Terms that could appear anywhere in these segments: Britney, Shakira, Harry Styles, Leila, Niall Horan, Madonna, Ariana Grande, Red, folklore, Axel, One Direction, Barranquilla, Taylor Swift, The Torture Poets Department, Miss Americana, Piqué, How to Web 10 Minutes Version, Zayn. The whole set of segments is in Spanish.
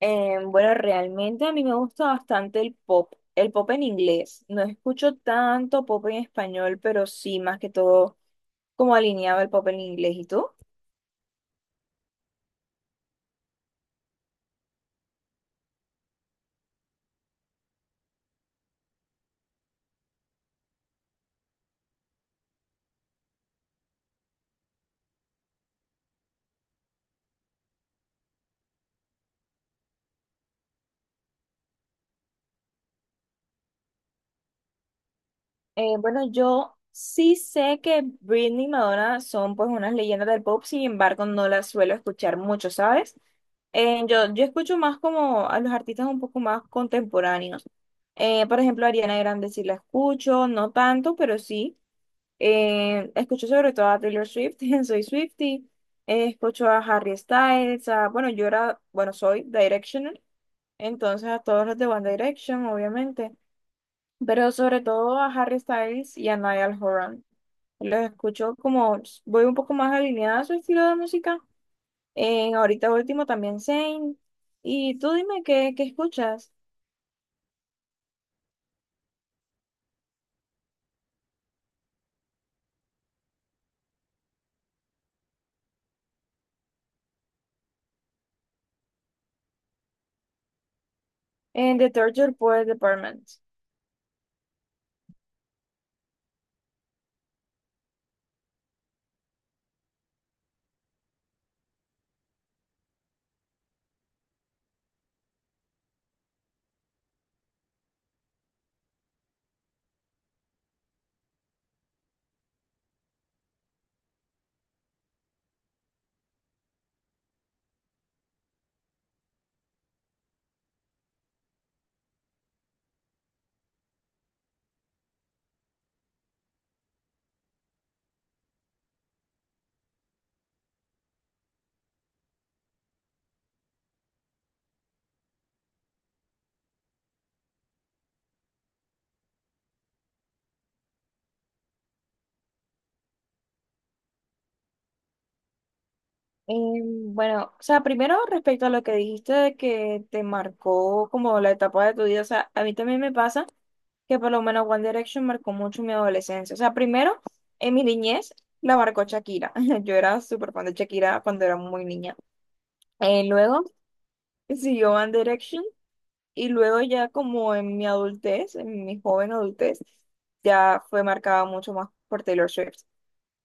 Bueno, realmente a mí me gusta bastante el pop en inglés. No escucho tanto pop en español, pero sí, más que todo, como alineado el pop en inglés. ¿Y tú? Bueno, yo sí sé que Britney y Madonna son pues unas leyendas del pop, sin embargo, no las suelo escuchar mucho, ¿sabes? Yo escucho más como a los artistas un poco más contemporáneos. Por ejemplo, Ariana Grande sí la escucho, no tanto, pero sí. Escucho sobre todo a Taylor Swift, soy Swiftie, escucho a Harry Styles, bueno, yo era, bueno, soy Directional, entonces a todos los de One Direction, obviamente, pero sobre todo a Harry Styles y a Niall Horan. Los escucho como, voy un poco más alineada a su estilo de música. En ahorita último también Zayn. Y tú dime qué, qué escuchas en The Torture Poets Department. Bueno, o sea, primero respecto a lo que dijiste de que te marcó como la etapa de tu vida, o sea, a mí también me pasa que por lo menos One Direction marcó mucho mi adolescencia. O sea, primero, en mi niñez la marcó Shakira. Yo era súper fan de Shakira cuando era muy niña. Luego siguió One Direction y luego ya como en mi adultez, en mi joven adultez, ya fue marcada mucho más por Taylor Swift.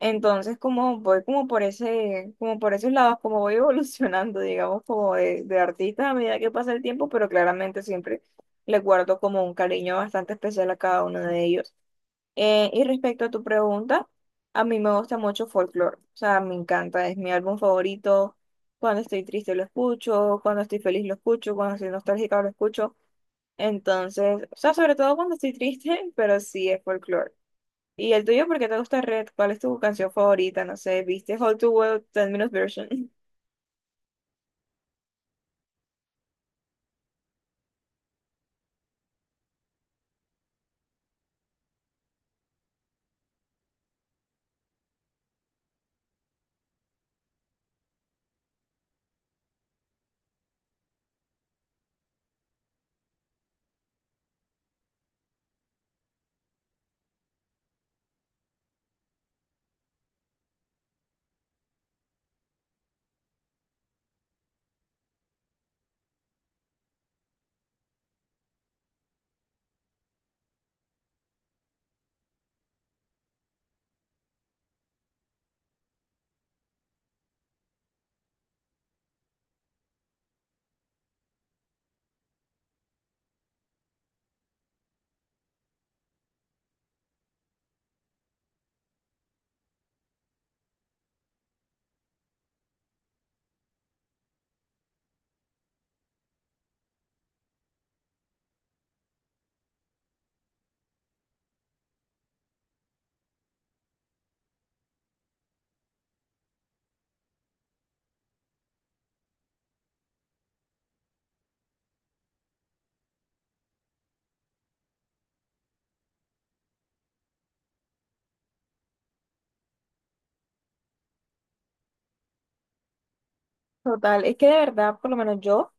Entonces, como voy como por ese, como por esos lados, como voy evolucionando, digamos, como de artista a medida que pasa el tiempo, pero claramente siempre le guardo como un cariño bastante especial a cada uno de ellos. Y respecto a tu pregunta, a mí me gusta mucho folklore, o sea, me encanta, es mi álbum favorito. Cuando estoy triste lo escucho, cuando estoy feliz lo escucho, cuando estoy nostálgica lo escucho. Entonces, o sea, sobre todo cuando estoy triste, pero sí es folklore. ¿Y el tuyo por qué te gusta Red? ¿Cuál es tu canción favorita? No sé, ¿viste How to Web 10 Minutes Version? Total, es que de verdad, por lo menos yo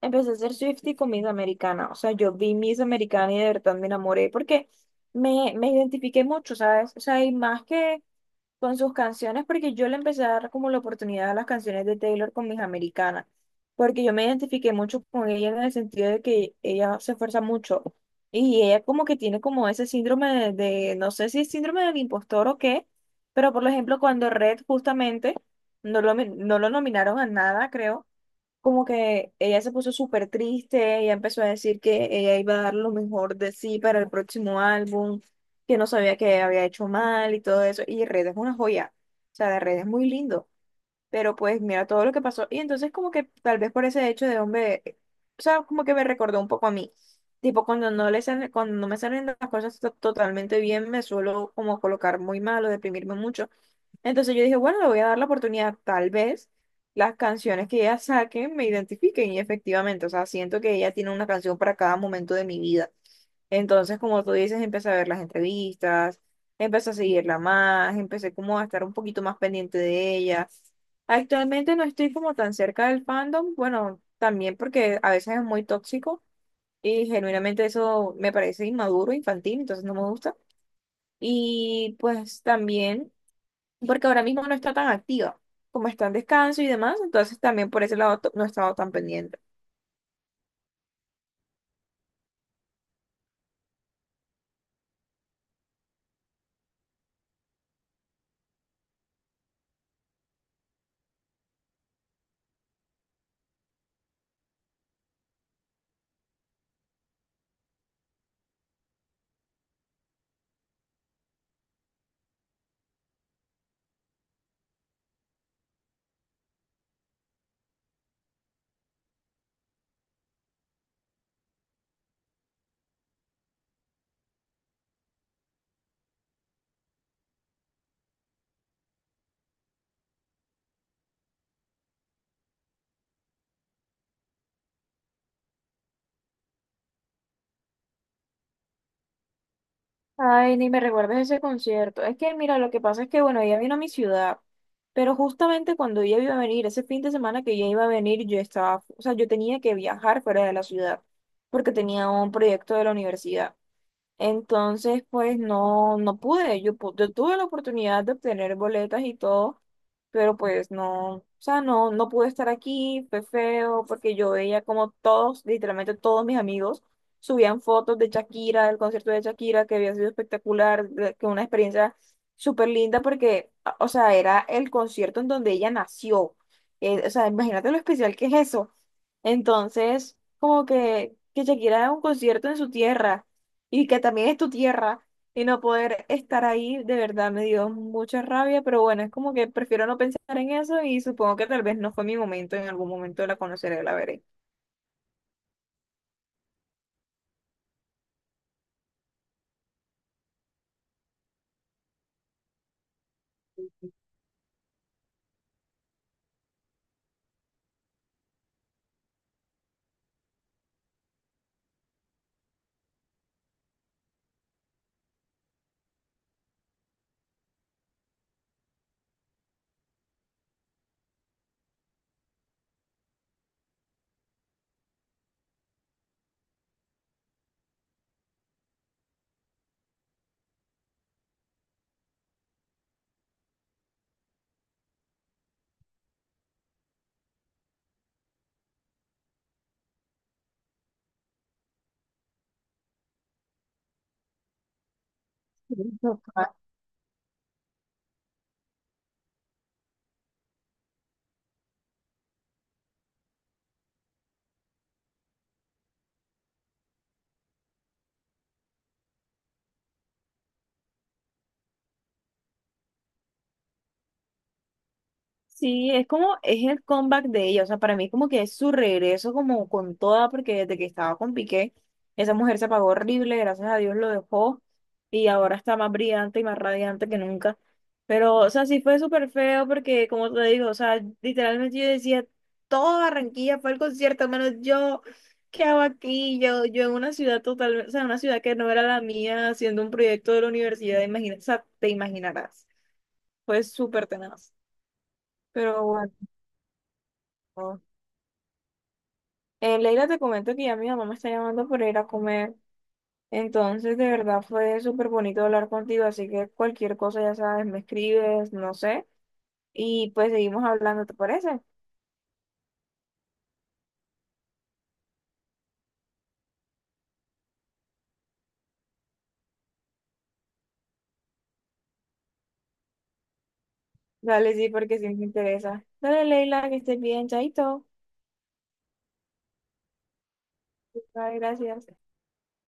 empecé a ser Swiftie con Miss Americana. O sea, yo vi Miss Americana y de verdad me enamoré porque me identifiqué mucho, ¿sabes? O sea, y más que con sus canciones, porque yo le empecé a dar como la oportunidad a las canciones de Taylor con Miss Americana. Porque yo me identifiqué mucho con ella en el sentido de que ella se esfuerza mucho. Y ella como que tiene como ese síndrome no sé si es síndrome del impostor o qué, pero por ejemplo, cuando Red justamente no lo nominaron a nada, creo. Como que ella se puso súper triste, ella empezó a decir que ella iba a dar lo mejor de sí para el próximo álbum, que no sabía que había hecho mal y todo eso. Y Red es una joya, o sea, de Red es muy lindo, pero pues mira todo lo que pasó. Y entonces como que tal vez por ese hecho de hombre, o sea, como que me recordó un poco a mí. Tipo, cuando no me salen las cosas totalmente bien, me suelo como colocar muy mal o deprimirme mucho. Entonces yo dije, bueno, le voy a dar la oportunidad, tal vez las canciones que ella saque me identifiquen y efectivamente, o sea, siento que ella tiene una canción para cada momento de mi vida. Entonces, como tú dices, empecé a ver las entrevistas, empecé a seguirla más, empecé como a estar un poquito más pendiente de ella. Actualmente no estoy como tan cerca del fandom, bueno, también porque a veces es muy tóxico y genuinamente eso me parece inmaduro, infantil, entonces no me gusta. Y pues también porque ahora mismo no está tan activa, como está en descanso y demás, entonces también por ese lado no he estado tan pendiente. Ay, ni me recuerdes ese concierto. Es que, mira, lo que pasa es que, bueno, ella vino a mi ciudad, pero justamente cuando ella iba a venir, ese fin de semana que ella iba a venir, yo estaba, o sea, yo tenía que viajar fuera de la ciudad, porque tenía un proyecto de la universidad. Entonces, pues no, no pude. Yo, yo tuve la oportunidad de obtener boletas y todo, pero pues no, o sea, no, no pude estar aquí, fue feo, porque yo veía como todos, literalmente todos mis amigos, subían fotos de Shakira, del concierto de Shakira, que había sido espectacular, que una experiencia súper linda, porque, o sea, era el concierto en donde ella nació. O sea, imagínate lo especial que es eso. Entonces, como que Shakira haga un concierto en su tierra y que también es tu tierra y no poder estar ahí, de verdad me dio mucha rabia, pero bueno, es como que prefiero no pensar en eso y supongo que tal vez no fue mi momento, en algún momento la conoceré, la veré. Total. Sí, es como, es el comeback de ella, o sea, para mí como que es su regreso como con toda, porque desde que estaba con Piqué, esa mujer se apagó horrible, gracias a Dios lo dejó, y ahora está más brillante y más radiante que nunca. Pero, o sea, sí fue súper feo porque, como te digo, o sea, literalmente yo decía, toda Barranquilla fue al concierto, menos yo, ¿qué hago aquí? Yo en una ciudad total, o sea, una ciudad que no era la mía, haciendo un proyecto de la universidad, imagina, o sea, te imaginarás, fue súper tenaz, pero bueno. Leila, te comento que ya mi mamá me está llamando para ir a comer. Entonces, de verdad fue súper bonito hablar contigo. Así que cualquier cosa, ya sabes, me escribes, no sé. Y pues seguimos hablando, ¿te parece? Dale, sí, porque sí me interesa. Dale, Leila, que estés bien, chaito. Bye, gracias.